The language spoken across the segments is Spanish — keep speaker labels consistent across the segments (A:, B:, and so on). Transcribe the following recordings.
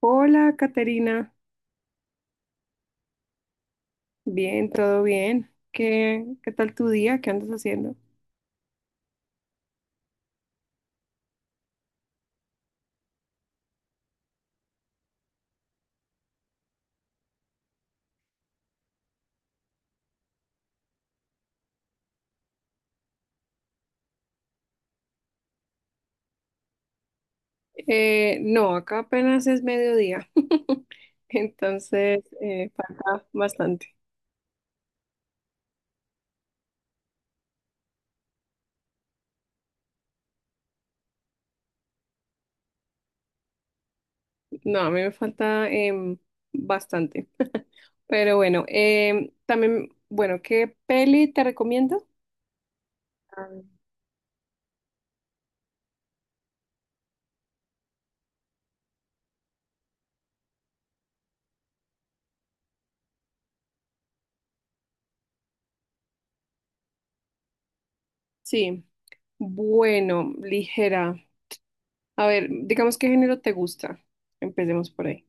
A: Hola, Caterina. Bien, todo bien. ¿Qué tal tu día? ¿Qué andas haciendo? No, acá apenas es mediodía. Entonces, falta bastante. No, a mí me falta bastante. Pero bueno, también, bueno, ¿qué peli te recomiendo? Ah. Sí, bueno, ligera. A ver, digamos qué género te gusta. Empecemos por ahí.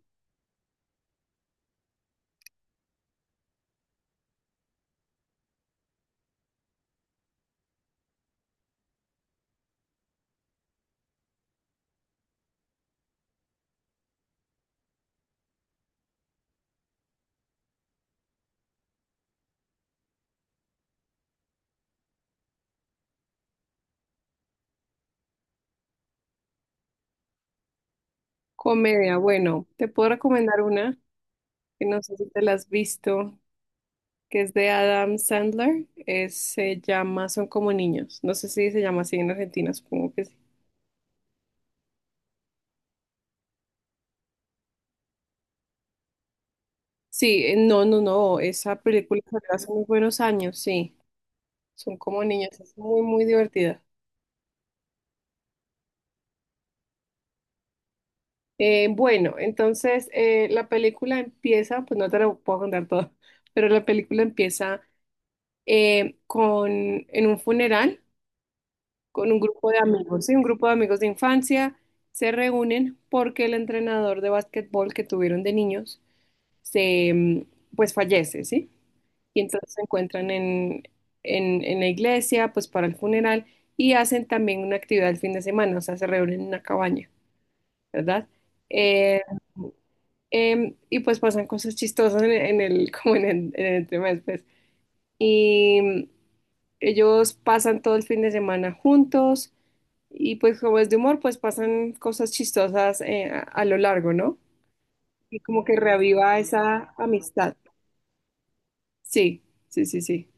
A: Comedia, bueno, te puedo recomendar una que no sé si te la has visto, que es de Adam Sandler, se llama Son como niños. No sé si se llama así en Argentina, supongo que sí. Sí, no, no, no, esa película salió hace muy buenos años, sí. Son como niños, es muy, muy divertida. Bueno, entonces la película empieza, pues no te lo puedo contar todo, pero la película empieza en un funeral con un grupo de amigos, ¿sí? Un grupo de amigos de infancia se reúnen porque el entrenador de básquetbol que tuvieron de niños se, mm, pues fallece, ¿sí? Y entonces se encuentran en la iglesia, pues para el funeral, y hacen también una actividad el fin de semana, o sea, se reúnen en una cabaña, ¿verdad? Eh, y pues pasan cosas chistosas en como en el tema después. Y mm, ellos pasan todo el fin de semana juntos y pues como es de humor, pues pasan cosas chistosas a lo largo, ¿no? Y como que reaviva esa amistad. Sí, sí.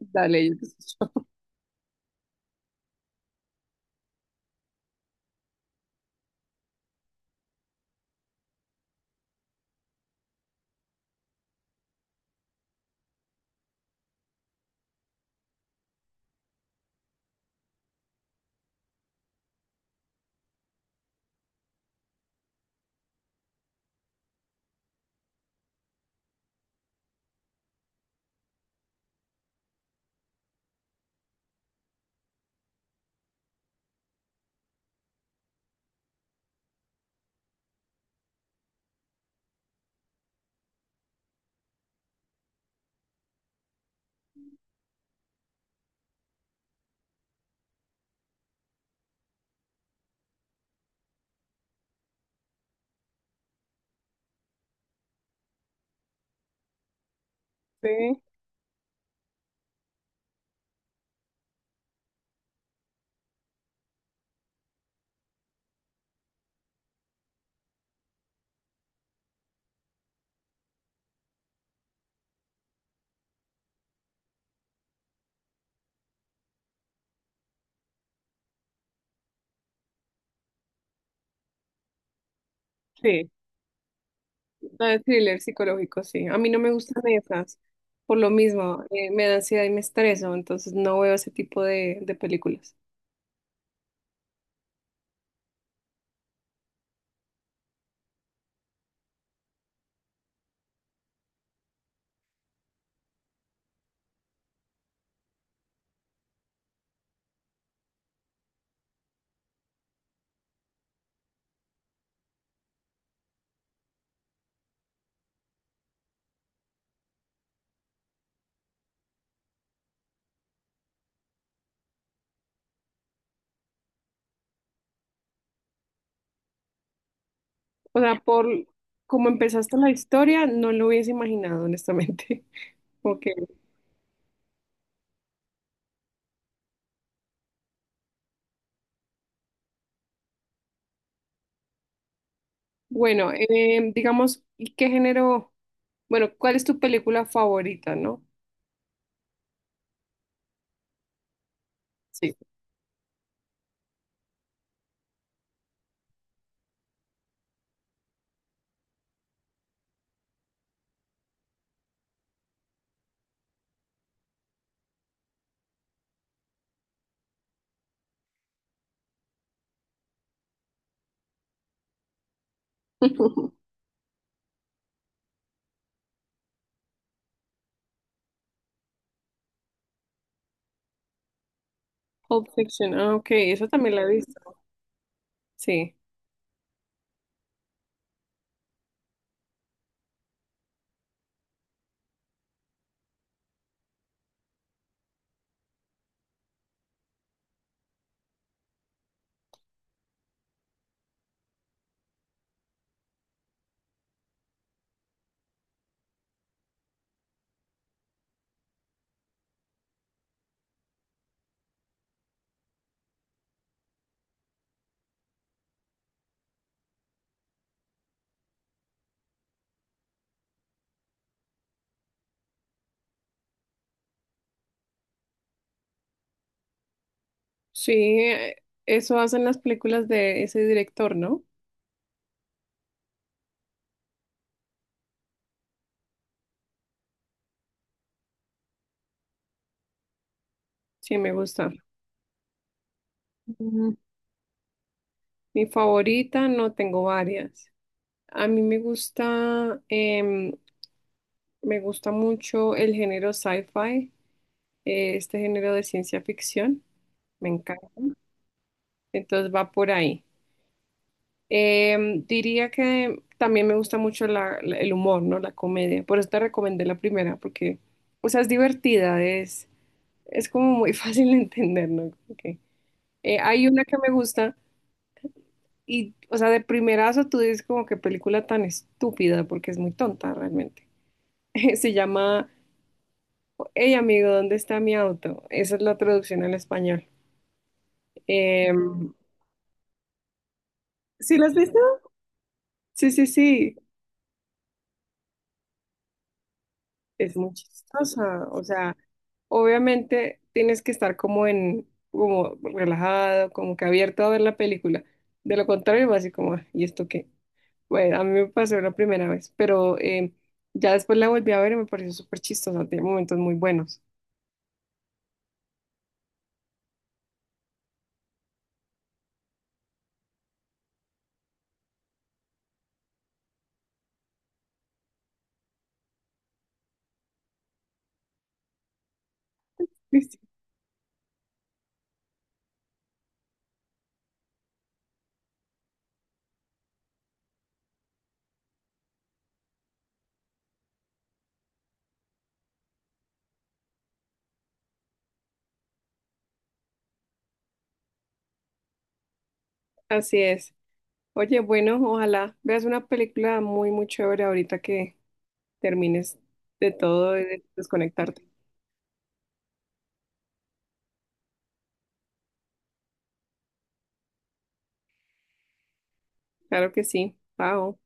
A: Dale, yo te escucho. Sí, sí, no, de thriller psicológico, sí. A mí no me gustan esas, por lo mismo, me da ansiedad y me estreso, entonces no veo ese tipo de películas. O sea, por como empezaste la historia, no lo hubiese imaginado, honestamente. Ok, bueno, digamos, ¿y qué género? Bueno, ¿cuál es tu película favorita, no? Sí. Pulp Fiction, ah, ok, eso también la he visto. Sí, sí, eso hacen las películas de ese director, ¿no? Sí, me gusta. Mm, mi favorita, no tengo varias. A mí me gusta, me gusta mucho el género sci-fi, este género de ciencia ficción, me encanta. Entonces va por ahí. Diría que también me gusta mucho el humor, ¿no? La comedia. Por eso te recomendé la primera, porque, o sea, es divertida, es como muy fácil de entender, ¿no? Como que, hay una que me gusta. Y, o sea, de primerazo tú dices como que película tan estúpida, porque es muy tonta realmente. Se llama Hey amigo, ¿dónde está mi auto? Esa es la traducción al español. Em, ¿sí la has visto? Sí, sí, sí. Es muy chistosa. O sea, obviamente tienes que estar como como relajado, como que abierto a ver la película. De lo contrario, vas así como, "Ah, ¿y esto qué?" Bueno, a mí me pasó la primera vez, pero ya después la volví a ver y me pareció súper chistosa. Tiene momentos muy buenos. Sí, así es. Oye, bueno, ojalá veas una película muy, muy chévere ahorita que termines de todo y de desconectarte. Claro que sí. Chao.